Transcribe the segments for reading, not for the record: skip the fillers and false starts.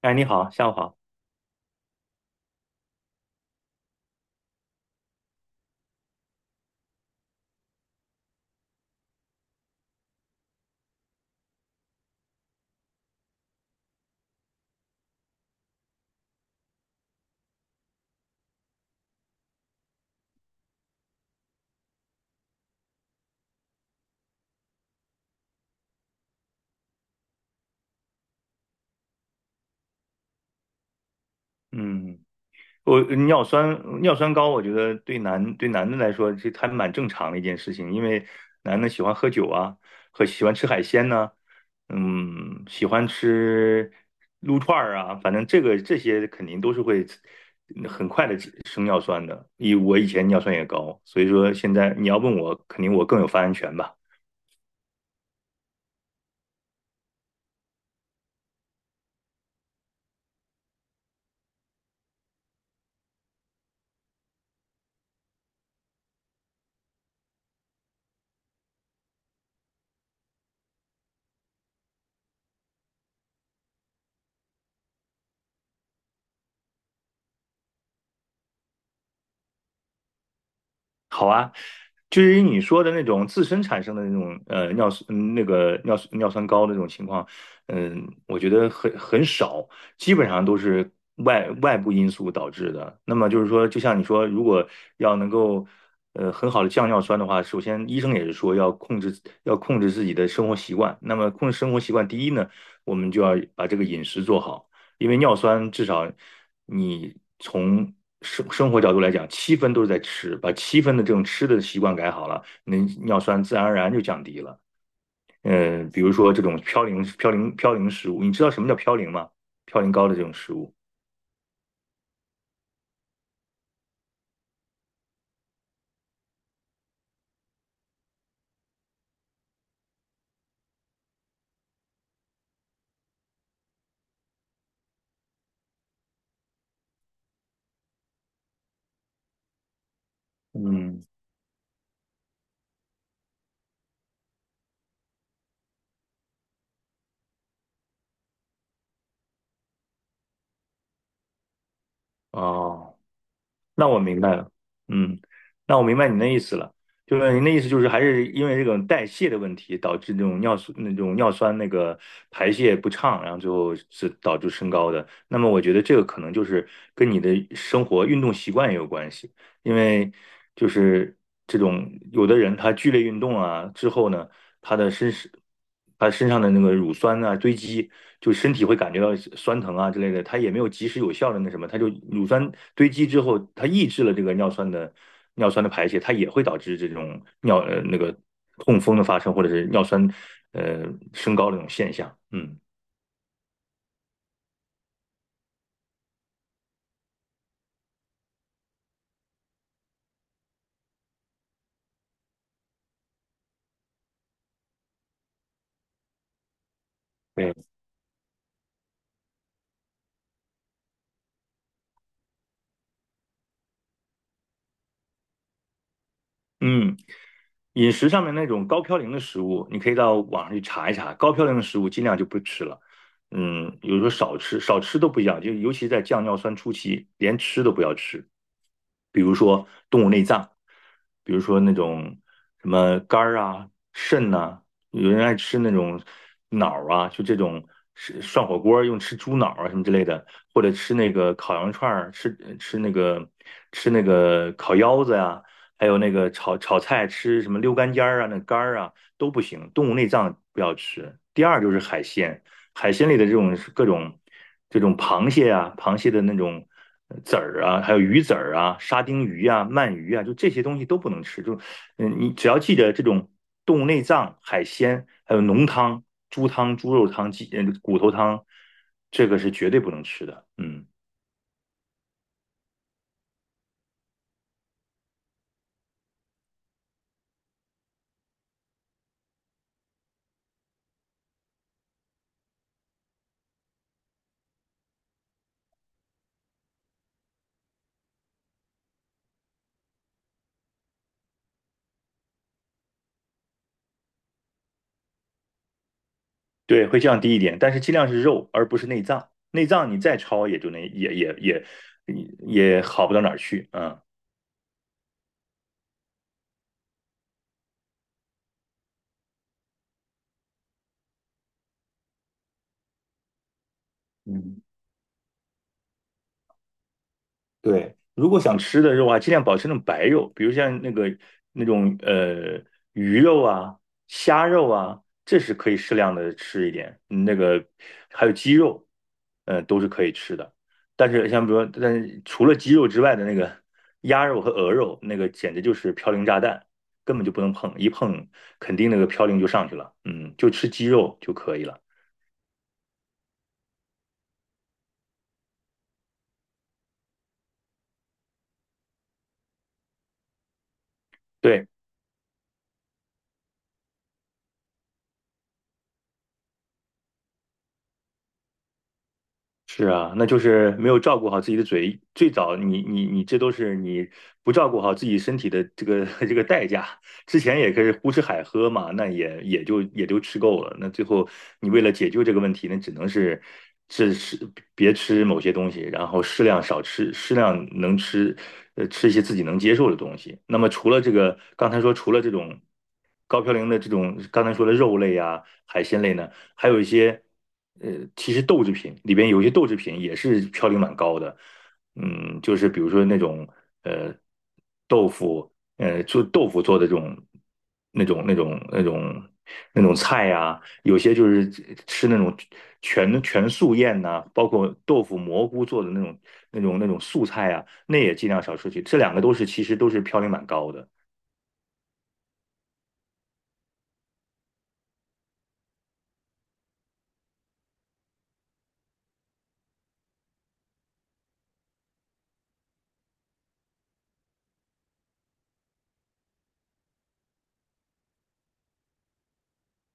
哎，你好，下午好。嗯，我尿酸高，我觉得对男的来说，这还蛮正常的一件事情，因为男的喜欢喝酒啊，和喜欢吃海鲜呢、喜欢吃撸串儿啊，反正这些肯定都是会很快的升尿酸的。以我以前尿酸也高，所以说现在你要问我，肯定我更有发言权吧。好啊，至于你说的那种自身产生的那种尿酸那个尿酸高的这种情况，我觉得很少，基本上都是外部因素导致的。那么就是说，就像你说，如果要能够很好的降尿酸的话，首先医生也是说要控制自己的生活习惯。那么控制生活习惯，第一呢，我们就要把这个饮食做好。因为尿酸至少你从生活角度来讲，七分都是在吃，把七分的这种吃的习惯改好了，那尿酸自然而然就降低了。比如说这种嘌呤食物，你知道什么叫嘌呤吗？嘌呤高的这种食物。嗯，哦，那我明白了，嗯，那我明白您的意思了，就是您的意思就是还是因为这种代谢的问题，导致这种尿素那种尿酸那个排泄不畅，然后最后是导致升高的。那么我觉得这个可能就是跟你的生活运动习惯也有关系。因为就是这种有的人他剧烈运动啊之后呢，他的身是他身上的那个乳酸啊堆积，就身体会感觉到酸疼啊之类的，他也没有及时有效的那什么，他就乳酸堆积之后，它抑制了这个尿酸的排泄，它也会导致这种那个痛风的发生或者是尿酸呃升高的这种现象，嗯对，嗯。饮食上面那种高嘌呤的食物，你可以到网上去查一查，高嘌呤的食物尽量就不吃了。有时候少吃，少吃都不一样，就尤其在降尿酸初期，连吃都不要吃。比如说动物内脏，比如说那种什么肝儿啊、肾呐、有人爱吃那种脑儿啊，就这种是涮火锅儿用吃猪脑儿啊什么之类的，或者吃那个烤羊串儿，吃那个烤腰子呀、还有那个炒菜吃什么溜肝尖儿啊、那肝儿啊都不行，动物内脏不要吃。第二就是海鲜，海鲜里的这种各种这种螃蟹啊、螃蟹的那种籽儿啊，还有鱼籽儿啊、沙丁鱼啊、鳗鱼啊，就这些东西都不能吃。你只要记得这种动物内脏、海鲜，还有浓汤、猪汤、猪肉汤、鸡骨头汤，这个是绝对不能吃的。嗯。对，会降低一点，但是尽量是肉，而不是内脏。内脏你再焯也就那也好不到哪儿去，嗯。嗯，对，如果想吃的肉啊，尽量保持那种白肉，比如像那种鱼肉啊、虾肉啊，这是可以适量的吃一点。还有鸡肉，都是可以吃的。但是像比如说但是除了鸡肉之外的那个鸭肉和鹅肉，那个简直就是嘌呤炸弹，根本就不能碰，一碰肯定那个嘌呤就上去了。嗯，就吃鸡肉就可以了。对，是啊，那就是没有照顾好自己的嘴。最早你这都是你不照顾好自己身体的这个 这个代价。之前也可以胡吃海喝嘛，那也就吃够了。那最后你为了解救这个问题，那只能是别吃某些东西，然后适量少吃，适量能吃，吃一些自己能接受的东西。那么除了这个，刚才说除了这种高嘌呤的这种刚才说的肉类啊、海鲜类呢？还有一些呃，其实豆制品里边有一些豆制品也是嘌呤蛮高的，就是比如说那种呃豆腐，做豆腐做的这种那种那种那种那种菜呀、有些就是吃那种全素宴呐、包括豆腐蘑菇做的那种素菜啊，那也尽量少摄去。这两个都是其实都是嘌呤蛮高的。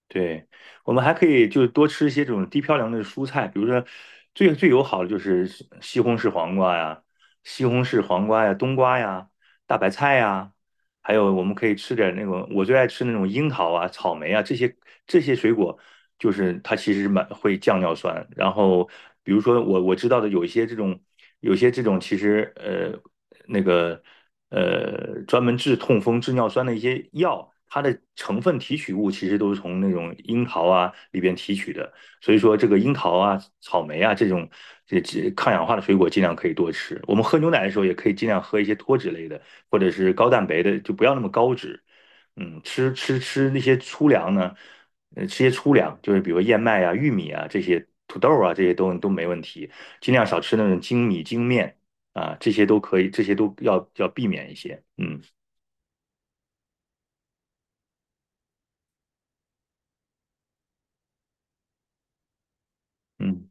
对，我们还可以就是多吃一些这种低嘌呤的蔬菜，比如说最友好的就是西红柿黄瓜呀、冬瓜呀、大白菜呀，还有我们可以吃点那种我最爱吃那种樱桃啊、草莓啊这些水果，就是它其实蛮会降尿酸。然后比如说我知道的有一些这种有些这种其实那个。专门治痛风、治尿酸的一些药，它的成分提取物其实都是从那种樱桃啊里边提取的。所以说，这个樱桃啊、草莓啊这种抗氧化的水果，尽量可以多吃。我们喝牛奶的时候，也可以尽量喝一些脱脂类的，或者是高蛋白的，就不要那么高脂。吃那些粗粮呢，吃些粗粮，就是比如燕麦啊、玉米啊这些，土豆啊这些都没问题。尽量少吃那种精米精面，啊，这些都可以，这些都要避免一些。嗯嗯。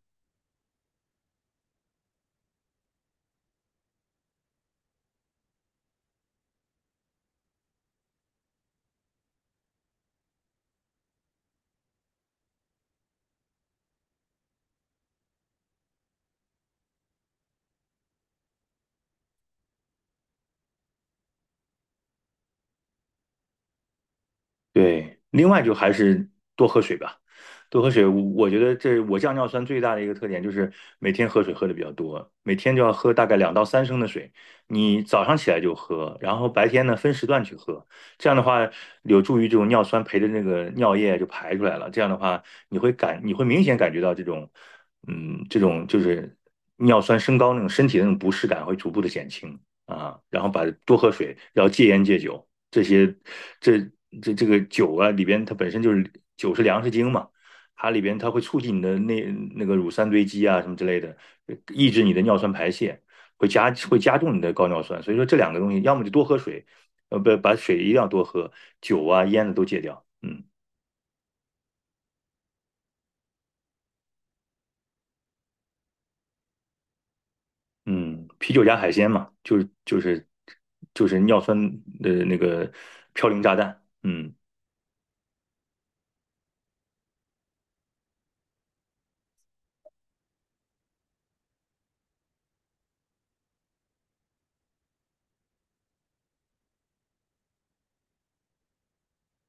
对，另外就还是多喝水吧，多喝水。我觉得这我降尿酸最大的一个特点就是每天喝水喝的比较多，每天就要喝大概2到3升的水。你早上起来就喝，然后白天呢分时段去喝，这样的话有助于这种尿酸陪着那个尿液就排出来了。这样的话，你会明显感觉到这种，这种就是尿酸升高那种身体的那种不适感会逐步的减轻啊。然后把多喝水，然后戒烟戒酒。这些这这个酒啊里边它本身就是酒是粮食精嘛，它里边它会促进你的个乳酸堆积啊什么之类的，抑制你的尿酸排泄，会加重你的高尿酸。所以说这两个东西，要么就多喝水，不把水一定要多喝，酒啊烟的都戒掉。嗯嗯，啤酒加海鲜嘛，就是尿酸的那个嘌呤炸弹。嗯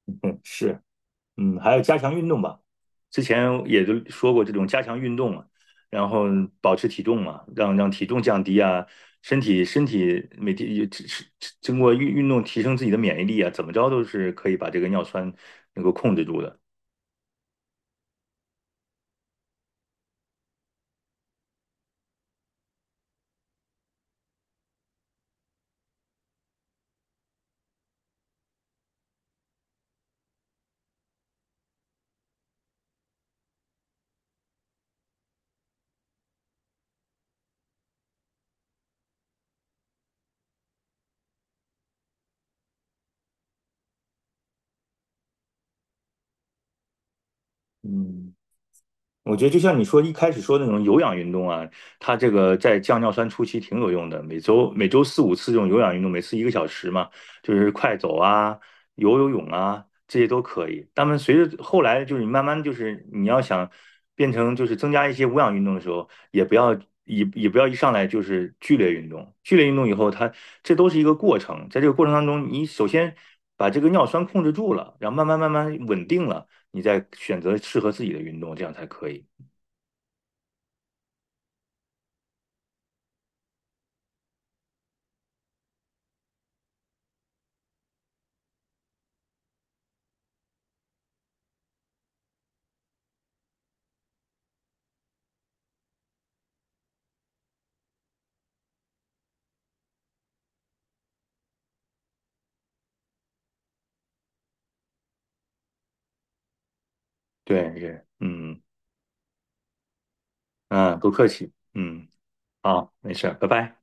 嗯是。还要加强运动吧。之前也都说过这种加强运动嘛，然后保持体重嘛，让体重降低啊，身体每天也只是经过运动提升自己的免疫力啊，怎么着都是可以把这个尿酸能够控制住的。嗯。我觉得就像你说一开始说的那种有氧运动啊，它这个在降尿酸初期挺有用的。每周四五次这种有氧运动，每次一个小时嘛，就是快走啊、游泳啊，这些都可以。但们随着后来就是你慢慢就是你要想变成就是增加一些无氧运动的时候，也不要也也不要一上来就是剧烈运动。剧烈运动以后它，这都是一个过程，在这个过程当中，你首先把这个尿酸控制住了，然后慢慢慢慢稳定了。你再选择适合自己的运动，这样才可以。对，是，嗯嗯，不客气，嗯，好，没事拜拜。